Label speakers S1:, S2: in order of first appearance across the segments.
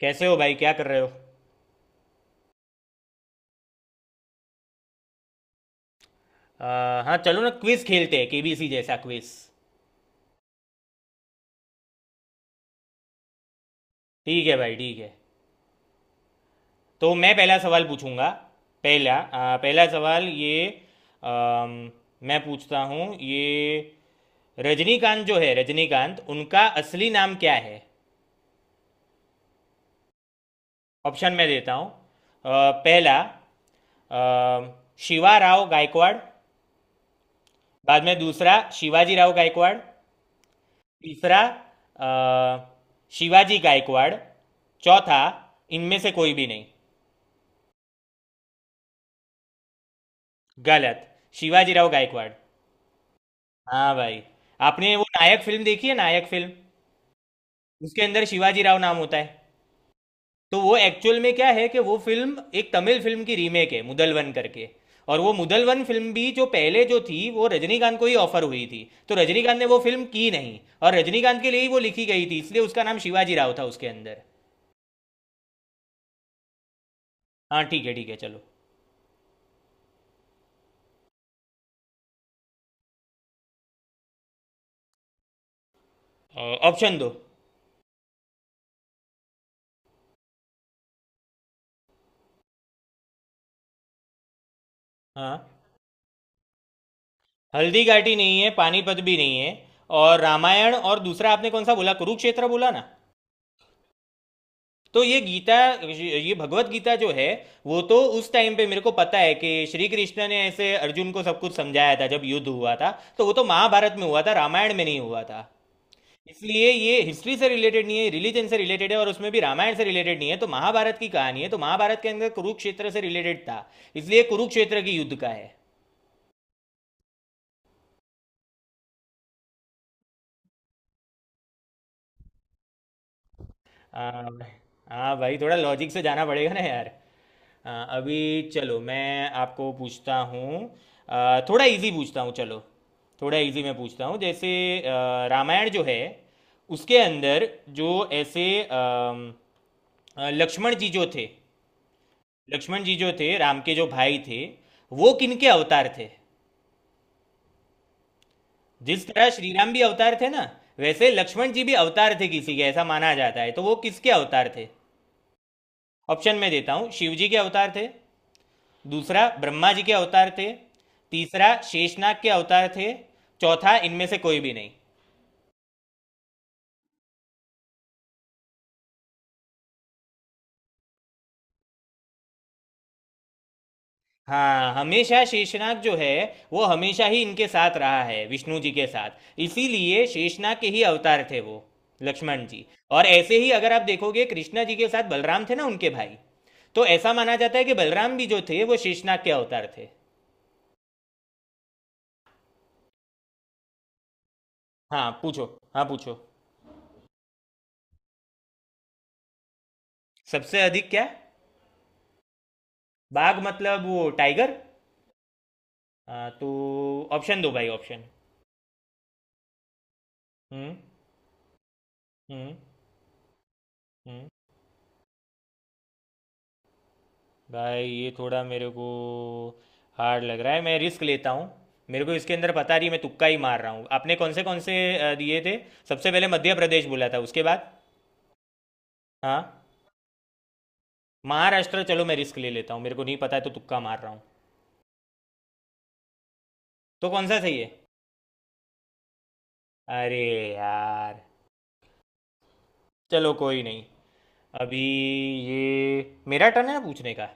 S1: कैसे हो भाई, क्या कर रहे हो? हाँ चलो ना, क्विज खेलते हैं, केबीसी जैसा क्विज। ठीक है भाई, ठीक है। तो मैं पहला सवाल पूछूंगा। पहला सवाल ये। अम, मैं पूछता हूँ ये। रजनीकांत जो है, रजनीकांत, उनका असली नाम क्या है? ऑप्शन मैं देता हूँ। पहला अ,, शिवा राव गायकवाड़। बाद में दूसरा, शिवाजी राव गायकवाड़। तीसरा, अ, शिवाजी गायकवाड़। चौथा, इनमें से कोई भी नहीं। गलत। शिवाजी राव गायकवाड़। हाँ भाई। आपने वो नायक फिल्म देखी है, नायक फिल्म? उसके अंदर शिवाजी राव नाम होता है। तो वो एक्चुअल में क्या है कि वो फिल्म एक तमिल फिल्म की रीमेक है, मुदलवन करके। और वो मुदलवन फिल्म भी जो पहले जो थी वो रजनीकांत को ही ऑफर हुई थी। तो रजनीकांत ने वो फिल्म की नहीं, और रजनीकांत के लिए ही वो लिखी गई थी, इसलिए उसका नाम शिवाजी राव था उसके अंदर। हाँ ठीक है चलो। ऑप्शन दो। हाँ। हल्दी घाटी नहीं है, पानीपत भी नहीं है। और रामायण, और दूसरा आपने कौन सा बोला, कुरुक्षेत्र बोला ना? तो ये गीता, ये भगवत गीता जो है, वो तो उस टाइम पे मेरे को पता है कि श्री कृष्ण ने ऐसे अर्जुन को सब कुछ समझाया था जब युद्ध हुआ था। तो वो तो महाभारत में हुआ था, रामायण में नहीं हुआ था। इसलिए ये हिस्ट्री से रिलेटेड नहीं है, रिलीजन से रिलेटेड है, और उसमें भी रामायण से रिलेटेड नहीं है, तो महाभारत की कहानी है, तो महाभारत के अंदर कुरुक्षेत्र से रिलेटेड था। इसलिए कुरुक्षेत्र की युद्ध का है। हाँ। हाँ भाई, थोड़ा लॉजिक से जाना पड़ेगा ना यार। हाँ, अभी चलो मैं आपको पूछता हूँ। थोड़ा इजी पूछता हूँ चलो। थोड़ा इजी मैं पूछता हूँ, जैसे रामायण जो है, उसके अंदर, जो ऐसे अम, लक्ष्मण जी जो थे, लक्ष्मण जी जो थे, राम के जो भाई थे, वो किनके अवतार थे? जिस तरह श्री राम भी अवतार थे ना, वैसे लक्ष्मण जी भी अवतार थे किसी के, ऐसा माना जाता है। तो वो किसके अवतार थे? ऑप्शन में देता हूं। शिव जी के अवतार थे। दूसरा, ब्रह्मा जी के अवतार थे। तीसरा, शेषनाग के अवतार थे। चौथा, इनमें से कोई भी नहीं। हाँ, हमेशा शेषनाग जो है, वो हमेशा ही इनके साथ रहा है, विष्णु जी के साथ, इसीलिए शेषनाग के ही अवतार थे वो, लक्ष्मण जी। और ऐसे ही अगर आप देखोगे, कृष्णा जी के साथ बलराम थे ना, उनके भाई। तो ऐसा माना जाता है कि बलराम भी जो थे वो शेषनाग के अवतार थे। हाँ पूछो। हाँ पूछो। सबसे अधिक क्या? बाघ मतलब वो टाइगर? हाँ तो, ऑप्शन दो भाई, ऑप्शन। हम्म। हम्म। हम्म। भाई ये थोड़ा मेरे को हार्ड लग रहा है, मैं रिस्क लेता हूँ। मेरे को इसके अंदर पता नहीं, मैं तुक्का ही मार रहा हूँ। आपने कौन से दिए थे? सबसे पहले मध्य प्रदेश बोला था, उसके बाद? हाँ। महाराष्ट्र, चलो मैं रिस्क ले लेता हूँ, मेरे को नहीं पता है तो तुक्का मार रहा हूँ। तो कौन सा सही है? अरे यार, चलो कोई नहीं। अभी ये मेरा टर्न है ना, पूछने का?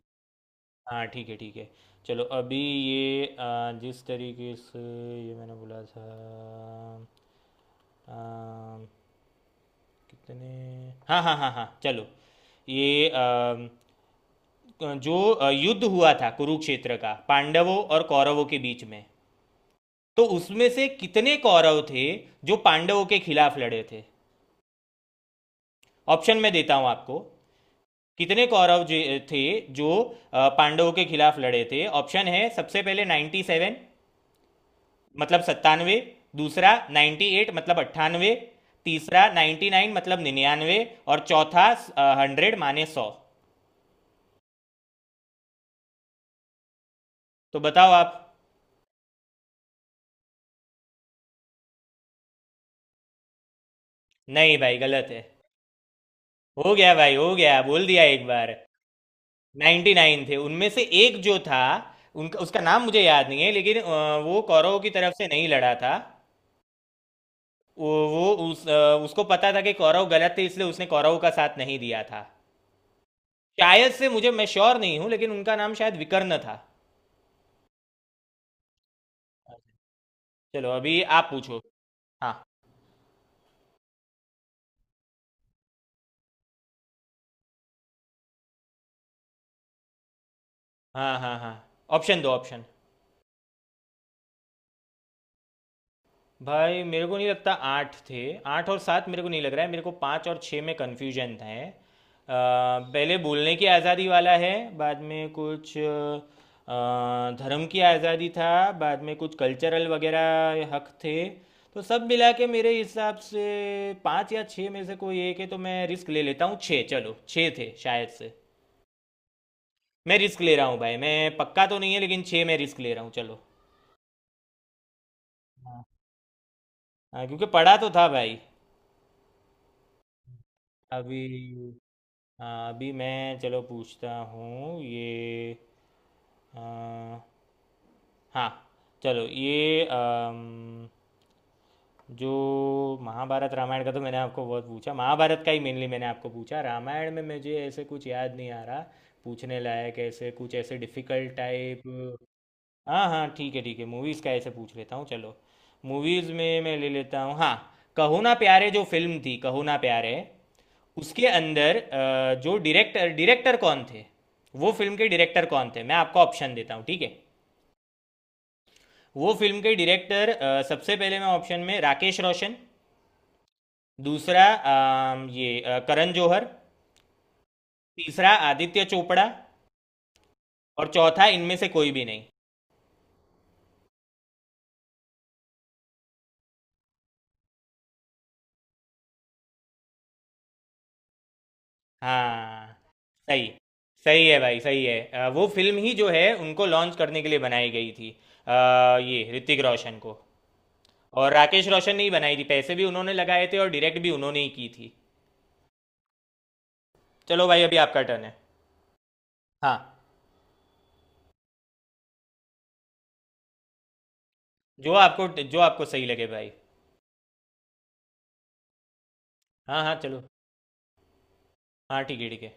S1: हाँ ठीक है ठीक है। चलो अभी ये जिस तरीके से ये मैंने बोला था, आ, कितने, हाँ हाँ हाँ हाँ चलो। ये जो युद्ध हुआ था कुरुक्षेत्र का, पांडवों और कौरवों के बीच में, तो उसमें से कितने कौरव थे जो पांडवों के खिलाफ लड़े थे? ऑप्शन मैं देता हूँ आपको। कितने कौरव थे जो पांडवों के खिलाफ लड़े थे? ऑप्शन है, सबसे पहले नाइन्टी सेवन मतलब सत्तानवे। दूसरा 98 मतलब अट्ठानवे। तीसरा 99 मतलब निन्यानवे। और चौथा हंड्रेड माने सौ। तो बताओ आप। नहीं भाई, गलत है। हो गया भाई हो गया, बोल दिया एक बार। 99 थे, उनमें से एक जो था, उनका उसका नाम मुझे याद नहीं है, लेकिन वो कौरव की तरफ से नहीं लड़ा था। वो उस उसको पता था कि कौरव गलत थे, इसलिए उसने कौरव का साथ नहीं दिया था। शायद से मुझे, मैं श्योर नहीं हूँ, लेकिन उनका नाम शायद विकर्ण था। चलो अभी आप पूछो। हाँ हाँ हाँ हाँ। ऑप्शन दो, ऑप्शन। भाई मेरे को नहीं लगता आठ थे। आठ और सात मेरे को नहीं लग रहा है, मेरे को पाँच और छः में कन्फ्यूजन था है। पहले बोलने की आज़ादी वाला है, बाद में कुछ धर्म की आज़ादी था, बाद में कुछ कल्चरल वगैरह हक थे, तो सब मिला के मेरे हिसाब से पाँच या छः में से कोई एक है, तो मैं रिस्क ले लेता हूँ, छः चलो, छः थे शायद से। मैं रिस्क ले रहा हूँ भाई, मैं पक्का तो नहीं है लेकिन छः, मैं रिस्क ले रहा हूँ चलो। हाँ क्योंकि पढ़ा तो था भाई। अभी मैं चलो पूछता हूँ ये। आ, हाँ चलो ये। जो महाभारत रामायण का तो मैंने आपको बहुत पूछा, महाभारत का ही मेनली मैंने आपको पूछा, रामायण में मुझे ऐसे कुछ याद नहीं आ रहा पूछने लायक, ऐसे कुछ ऐसे डिफिकल्ट टाइप। हाँ हाँ ठीक है ठीक है, मूवीज़ का ऐसे पूछ लेता हूँ चलो। मूवीज़ में मैं ले लेता हूँ, हाँ। कहो ना प्यारे जो फिल्म थी, कहो ना प्यारे, उसके अंदर जो डायरेक्टर डायरेक्टर कौन थे, वो फिल्म के डायरेक्टर कौन थे, मैं आपको ऑप्शन देता हूँ ठीक है। वो फिल्म के डायरेक्टर, सबसे पहले मैं ऑप्शन में राकेश रोशन। दूसरा, करण जौहर। तीसरा आदित्य चोपड़ा। और चौथा इनमें से कोई भी नहीं। हाँ, सही। सही है भाई, सही है, वो फिल्म ही जो है उनको लॉन्च करने के लिए बनाई गई थी, अ, ये ऋतिक रोशन को। और राकेश रोशन ने ही बनाई थी, पैसे भी उन्होंने लगाए थे और डायरेक्ट भी उन्होंने ही की थी। चलो भाई, अभी आपका टर्न है। हाँ। जो आपको, जो आपको सही लगे भाई। हाँ हाँ चलो। हाँ ठीक है ठीक है।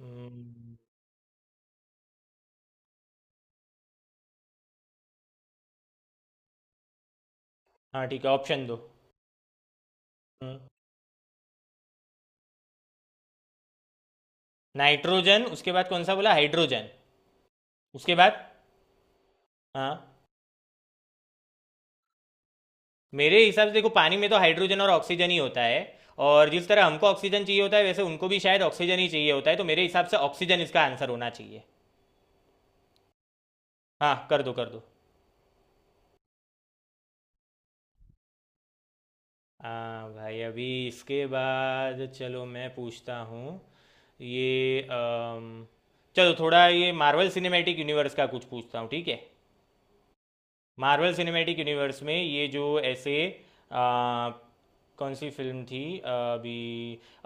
S1: हम्म। हाँ ठीक है, ऑप्शन दो। हम्म। नाइट्रोजन, उसके बाद कौन सा बोला, हाइड्रोजन? उसके बाद? हाँ। मेरे हिसाब से देखो, पानी में तो हाइड्रोजन और ऑक्सीजन ही होता है, और जिस तरह हमको ऑक्सीजन चाहिए होता है वैसे उनको भी शायद ऑक्सीजन ही चाहिए होता है, तो मेरे हिसाब से ऑक्सीजन इसका आंसर होना चाहिए। हाँ कर दो कर दो। हाँ भाई, अभी इसके बाद चलो मैं पूछता हूँ ये। चलो, थोड़ा ये मार्वल सिनेमैटिक यूनिवर्स का कुछ पूछता हूँ, ठीक है। मार्वल सिनेमैटिक यूनिवर्स में ये जो ऐसे अ, कौन सी फिल्म थी, अ, अभी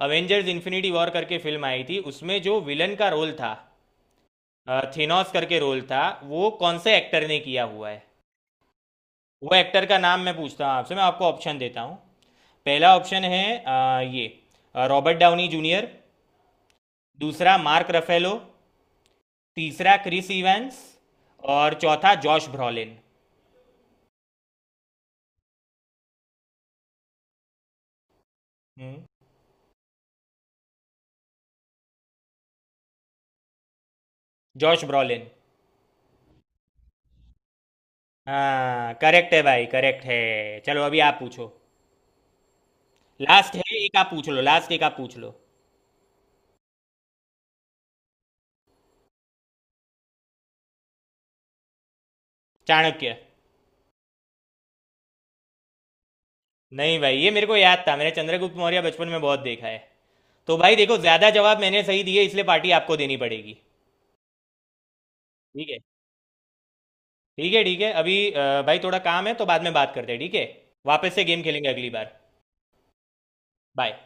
S1: अवेंजर्स इन्फिनिटी वॉर करके फिल्म आई थी, उसमें जो विलन का रोल था, थेनोस करके रोल था, वो कौन से एक्टर ने किया हुआ है? वो एक्टर का नाम मैं पूछता हूँ आपसे, मैं आपको ऑप्शन देता हूँ। पहला ऑप्शन है अ, ये रॉबर्ट डाउनी जूनियर। दूसरा मार्क रफेलो। तीसरा क्रिस इवेंस। और चौथा जॉश ब्रॉलिन। हम्म। Josh Brolin. हाँ करेक्ट है भाई करेक्ट है, चलो अभी आप पूछो। लास्ट है, एक आप पूछ लो, लास्ट एक आप पूछ लो। चाणक्य। नहीं भाई, ये मेरे को याद था, मैंने चंद्रगुप्त मौर्य बचपन में बहुत देखा है। तो भाई देखो, ज्यादा जवाब मैंने सही दिए, इसलिए पार्टी आपको देनी पड़ेगी। ठीक है। ठीक है ठीक है, अभी भाई थोड़ा काम है तो बाद में बात करते हैं, ठीक है? वापस से गेम खेलेंगे अगली बार। बाय।